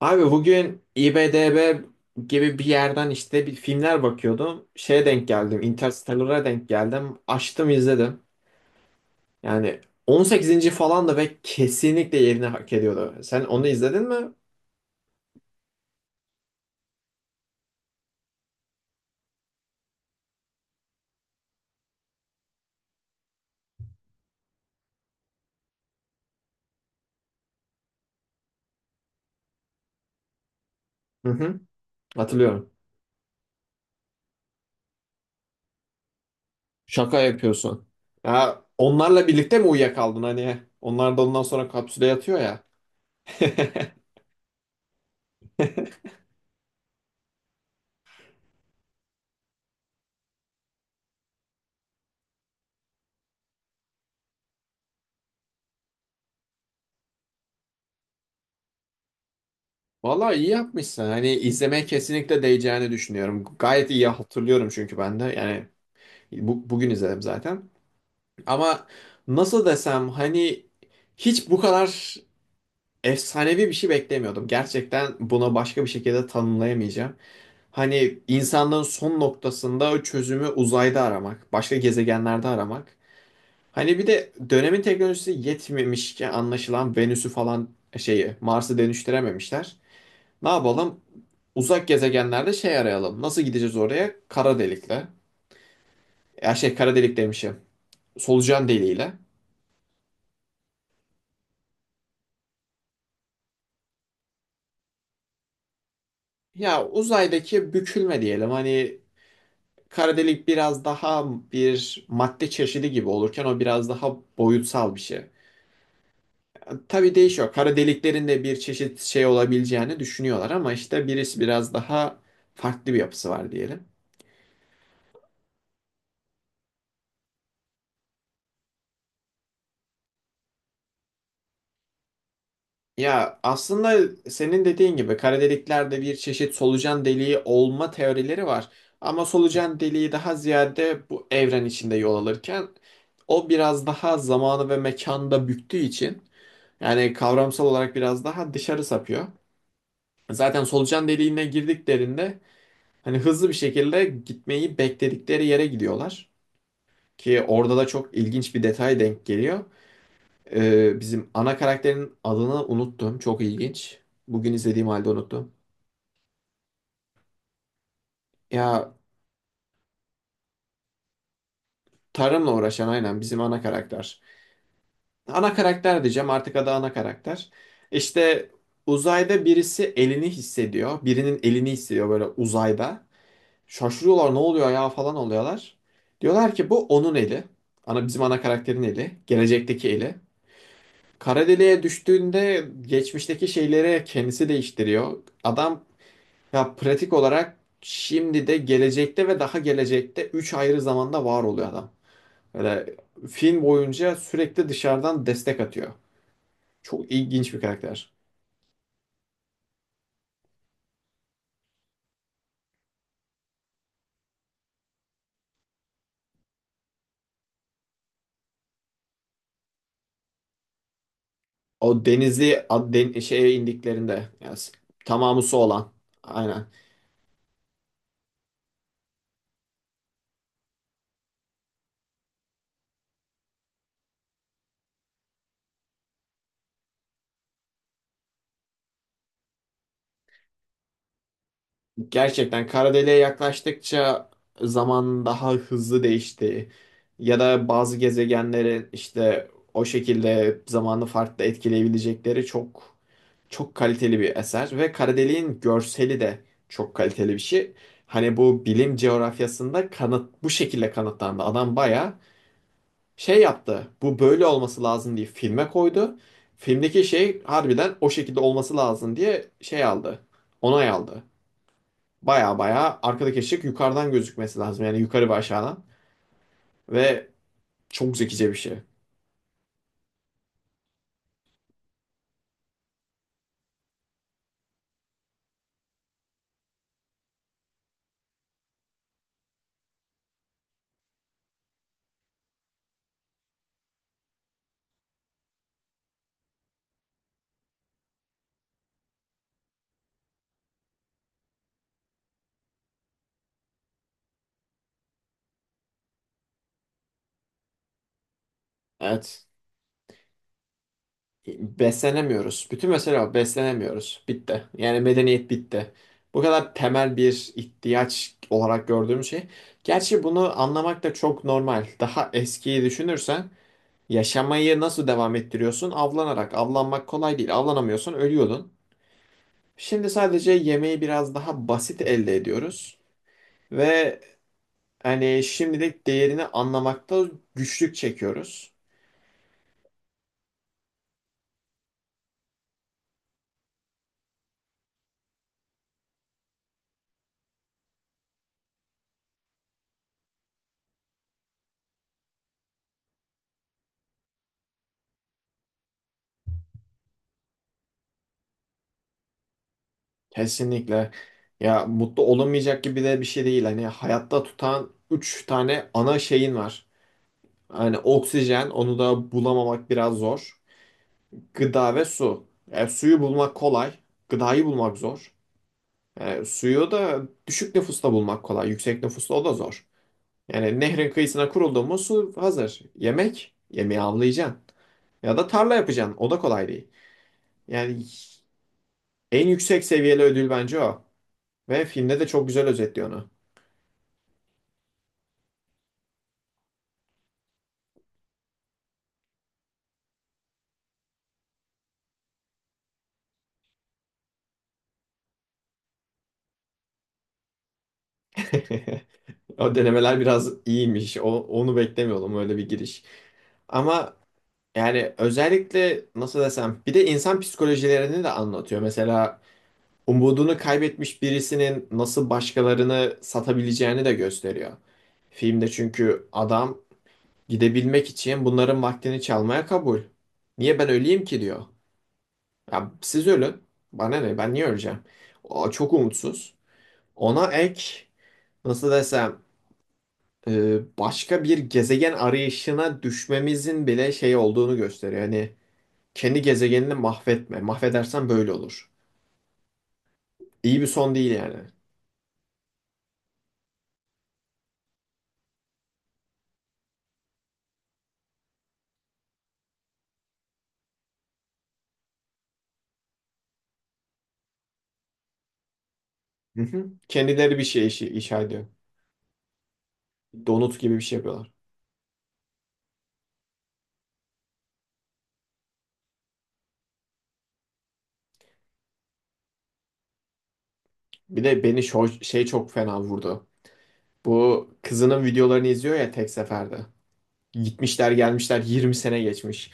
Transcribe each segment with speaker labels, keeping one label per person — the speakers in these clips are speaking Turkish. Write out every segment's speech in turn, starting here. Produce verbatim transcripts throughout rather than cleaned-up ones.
Speaker 1: Abi bugün I M D B gibi bir yerden işte bir filmler bakıyordum. Şeye denk geldim. Interstellar'a denk geldim. Açtım izledim. Yani on sekizinci falan da ve kesinlikle yerini hak ediyordu. Sen onu izledin mi? Hı hı. Hatırlıyorum. Şaka yapıyorsun. Ya onlarla birlikte mi uyuyakaldın hani? Onlar da ondan sonra kapsüle yatıyor ya. Valla iyi yapmışsın. Hani izlemeye kesinlikle değeceğini düşünüyorum. Gayet iyi hatırlıyorum çünkü ben de. Yani bu, bugün izledim zaten. Ama nasıl desem hani hiç bu kadar efsanevi bir şey beklemiyordum. Gerçekten buna başka bir şekilde tanımlayamayacağım. Hani insanlığın son noktasında çözümü uzayda aramak, başka gezegenlerde aramak. Hani bir de dönemin teknolojisi yetmemiş ki anlaşılan Venüs'ü falan şeyi Mars'ı dönüştürememişler. Ne yapalım? Uzak gezegenlerde şey arayalım. Nasıl gideceğiz oraya? Kara delikle. Ya şey kara delik demişim. Solucan deliğiyle. Ya uzaydaki bükülme diyelim hani kara delik biraz daha bir madde çeşidi gibi olurken o biraz daha boyutsal bir şey. Tabii değişiyor. Kara deliklerin de bir çeşit şey olabileceğini düşünüyorlar ama işte birisi biraz daha farklı bir yapısı var diyelim. Ya aslında senin dediğin gibi kara deliklerde bir çeşit solucan deliği olma teorileri var. Ama solucan deliği daha ziyade bu evren içinde yol alırken o biraz daha zamanı ve mekanda büktüğü için Yani kavramsal olarak biraz daha dışarı sapıyor. Zaten solucan deliğine girdiklerinde hani hızlı bir şekilde gitmeyi bekledikleri yere gidiyorlar. Ki orada da çok ilginç bir detay denk geliyor. Ee, bizim ana karakterin adını unuttum. Çok ilginç. Bugün izlediğim halde unuttum. Ya tarımla uğraşan aynen bizim ana karakter. Ana karakter diyeceğim artık adı ana karakter. İşte uzayda birisi elini hissediyor. Birinin elini hissediyor böyle uzayda. Şaşırıyorlar ne oluyor ya falan oluyorlar. Diyorlar ki bu onun eli. Ana, bizim ana karakterin eli. Gelecekteki eli. Kara deliğe düştüğünde geçmişteki şeyleri kendisi değiştiriyor. Adam ya pratik olarak şimdi de gelecekte ve daha gelecekte üç ayrı zamanda var oluyor adam. Böyle film boyunca sürekli dışarıdan destek atıyor. Çok ilginç bir karakter. O denizli ad- den- şeye indiklerinde yani tamamı su olan. Aynen. Gerçekten kara deliğe yaklaştıkça zaman daha hızlı değişti. Ya da bazı gezegenlerin işte o şekilde zamanı farklı etkileyebilecekleri çok çok kaliteli bir eser ve kara deliğin görseli de çok kaliteli bir şey. Hani bu bilim coğrafyasında kanıt bu şekilde kanıtlandı. Adam baya şey yaptı. Bu böyle olması lazım diye filme koydu. Filmdeki şey harbiden o şekilde olması lazım diye şey aldı. Onay aldı. Baya baya arkadaki ışık yukarıdan gözükmesi lazım. Yani yukarı ve aşağıdan. Ve çok zekice bir şey. Evet. Beslenemiyoruz. Bütün mesele o. Beslenemiyoruz. Bitti. Yani medeniyet bitti. Bu kadar temel bir ihtiyaç olarak gördüğüm şey. Gerçi bunu anlamak da çok normal. Daha eskiyi düşünürsen yaşamayı nasıl devam ettiriyorsun? Avlanarak. Avlanmak kolay değil. Avlanamıyorsun, ölüyordun. Şimdi sadece yemeği biraz daha basit elde ediyoruz. Ve hani şimdilik değerini anlamakta güçlük çekiyoruz. Kesinlikle. Ya mutlu olamayacak gibi de bir şey değil. Hani hayatta tutan üç tane ana şeyin var. Hani oksijen onu da bulamamak biraz zor. Gıda ve su. E, suyu bulmak kolay. Gıdayı bulmak zor. E, suyu da düşük nüfusta bulmak kolay. Yüksek nüfusta o da zor. Yani nehrin kıyısına kuruldu mu su hazır. Yemek, yemeği avlayacaksın. Ya da tarla yapacaksın. O da kolay değil. Yani En yüksek seviyeli ödül bence o. Ve filmde de çok güzel özetliyor onu. O denemeler biraz iyiymiş. O, onu beklemiyordum öyle bir giriş. Ama yani özellikle nasıl desem bir de insan psikolojilerini de anlatıyor. Mesela umudunu kaybetmiş birisinin nasıl başkalarını satabileceğini de gösteriyor. Filmde çünkü adam gidebilmek için bunların vaktini çalmaya kabul. Niye ben öleyim ki diyor. Ya siz ölün. Bana ne? Ben niye öleceğim? O çok umutsuz. Ona ek nasıl desem e, başka bir gezegen arayışına düşmemizin bile şey olduğunu gösteriyor. Hani kendi gezegenini mahvetme. Mahvedersen böyle olur. İyi bir son değil yani. Hı hı. Kendileri bir şey işi, inşa ediyor. Donut gibi bir şey yapıyorlar. Bir de beni şo- şey çok fena vurdu. Bu kızının videolarını izliyor ya tek seferde. Gitmişler gelmişler yirmi sene geçmiş.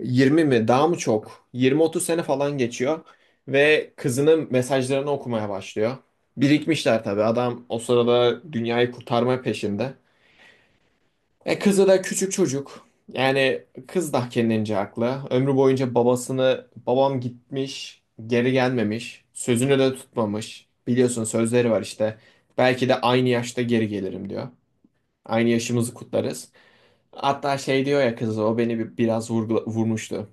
Speaker 1: Yirmi mi daha mı çok? Yirmi otuz sene falan geçiyor. Ve kızının mesajlarını okumaya başlıyor. Birikmişler tabii adam o sırada dünyayı kurtarma peşinde. E kızı da küçük çocuk. Yani kız da kendince haklı. Ömrü boyunca babasını babam gitmiş geri gelmemiş. Sözünü de tutmamış. Biliyorsun sözleri var işte. Belki de aynı yaşta geri gelirim diyor. Aynı yaşımızı kutlarız. Hatta şey diyor ya kız o beni bir- biraz vurgula- vurmuştu.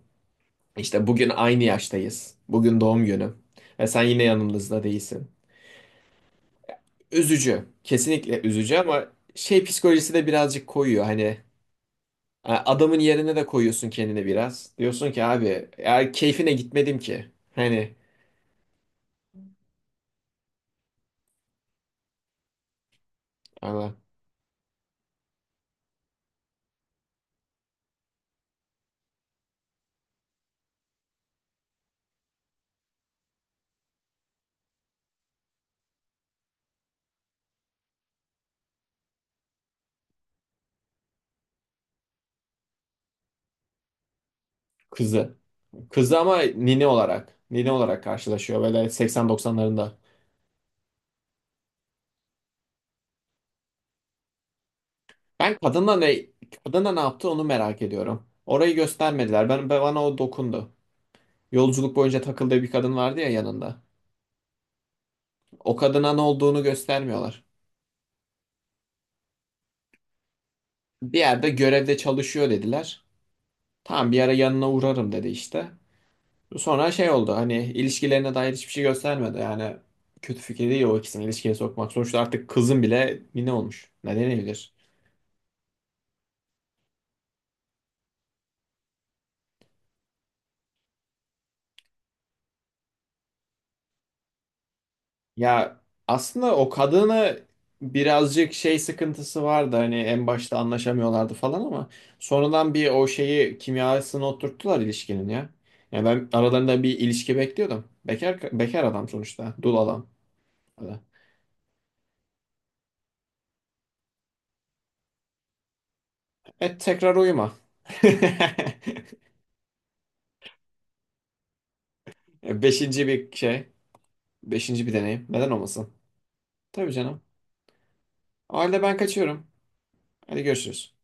Speaker 1: İşte bugün aynı yaştayız. Bugün doğum günüm. Ve sen yine yanımızda değilsin. Üzücü. Kesinlikle üzücü ama şey psikolojisi de birazcık koyuyor. Hani e, adamın yerine de koyuyorsun kendini biraz. Diyorsun ki abi ya keyfine gitmedim ki. Hani ama kızı. Kızı ama nine olarak. Nine olarak karşılaşıyor böyle seksen doksanlarında. Ben kadınla ne, kadınla ne yaptı onu merak ediyorum. Orayı göstermediler. Ben, ben- bana o dokundu. Yolculuk boyunca takıldığı bir kadın vardı ya yanında. O kadına ne olduğunu göstermiyorlar. Bir yerde görevde çalışıyor dediler. Tamam bir ara yanına uğrarım dedi işte. Sonra şey oldu hani ilişkilerine dair hiçbir şey göstermedi. Yani kötü fikir değil o ikisini ilişkiye sokmak. Sonuçta artık kızın bile ne olmuş. Ne denebilir? Ya aslında o kadını birazcık şey sıkıntısı vardı hani en başta anlaşamıyorlardı falan ama sonradan bir o şeyi kimyasını oturttular ilişkinin ya. Ya ben aralarında bir ilişki bekliyordum. Bekar bekar adam sonuçta, dul adam. Evet tekrar uyuma. Beşinci bir şey, beşinci bir deneyim. Neden olmasın? Tabii canım. O halde ben kaçıyorum. Hadi görüşürüz.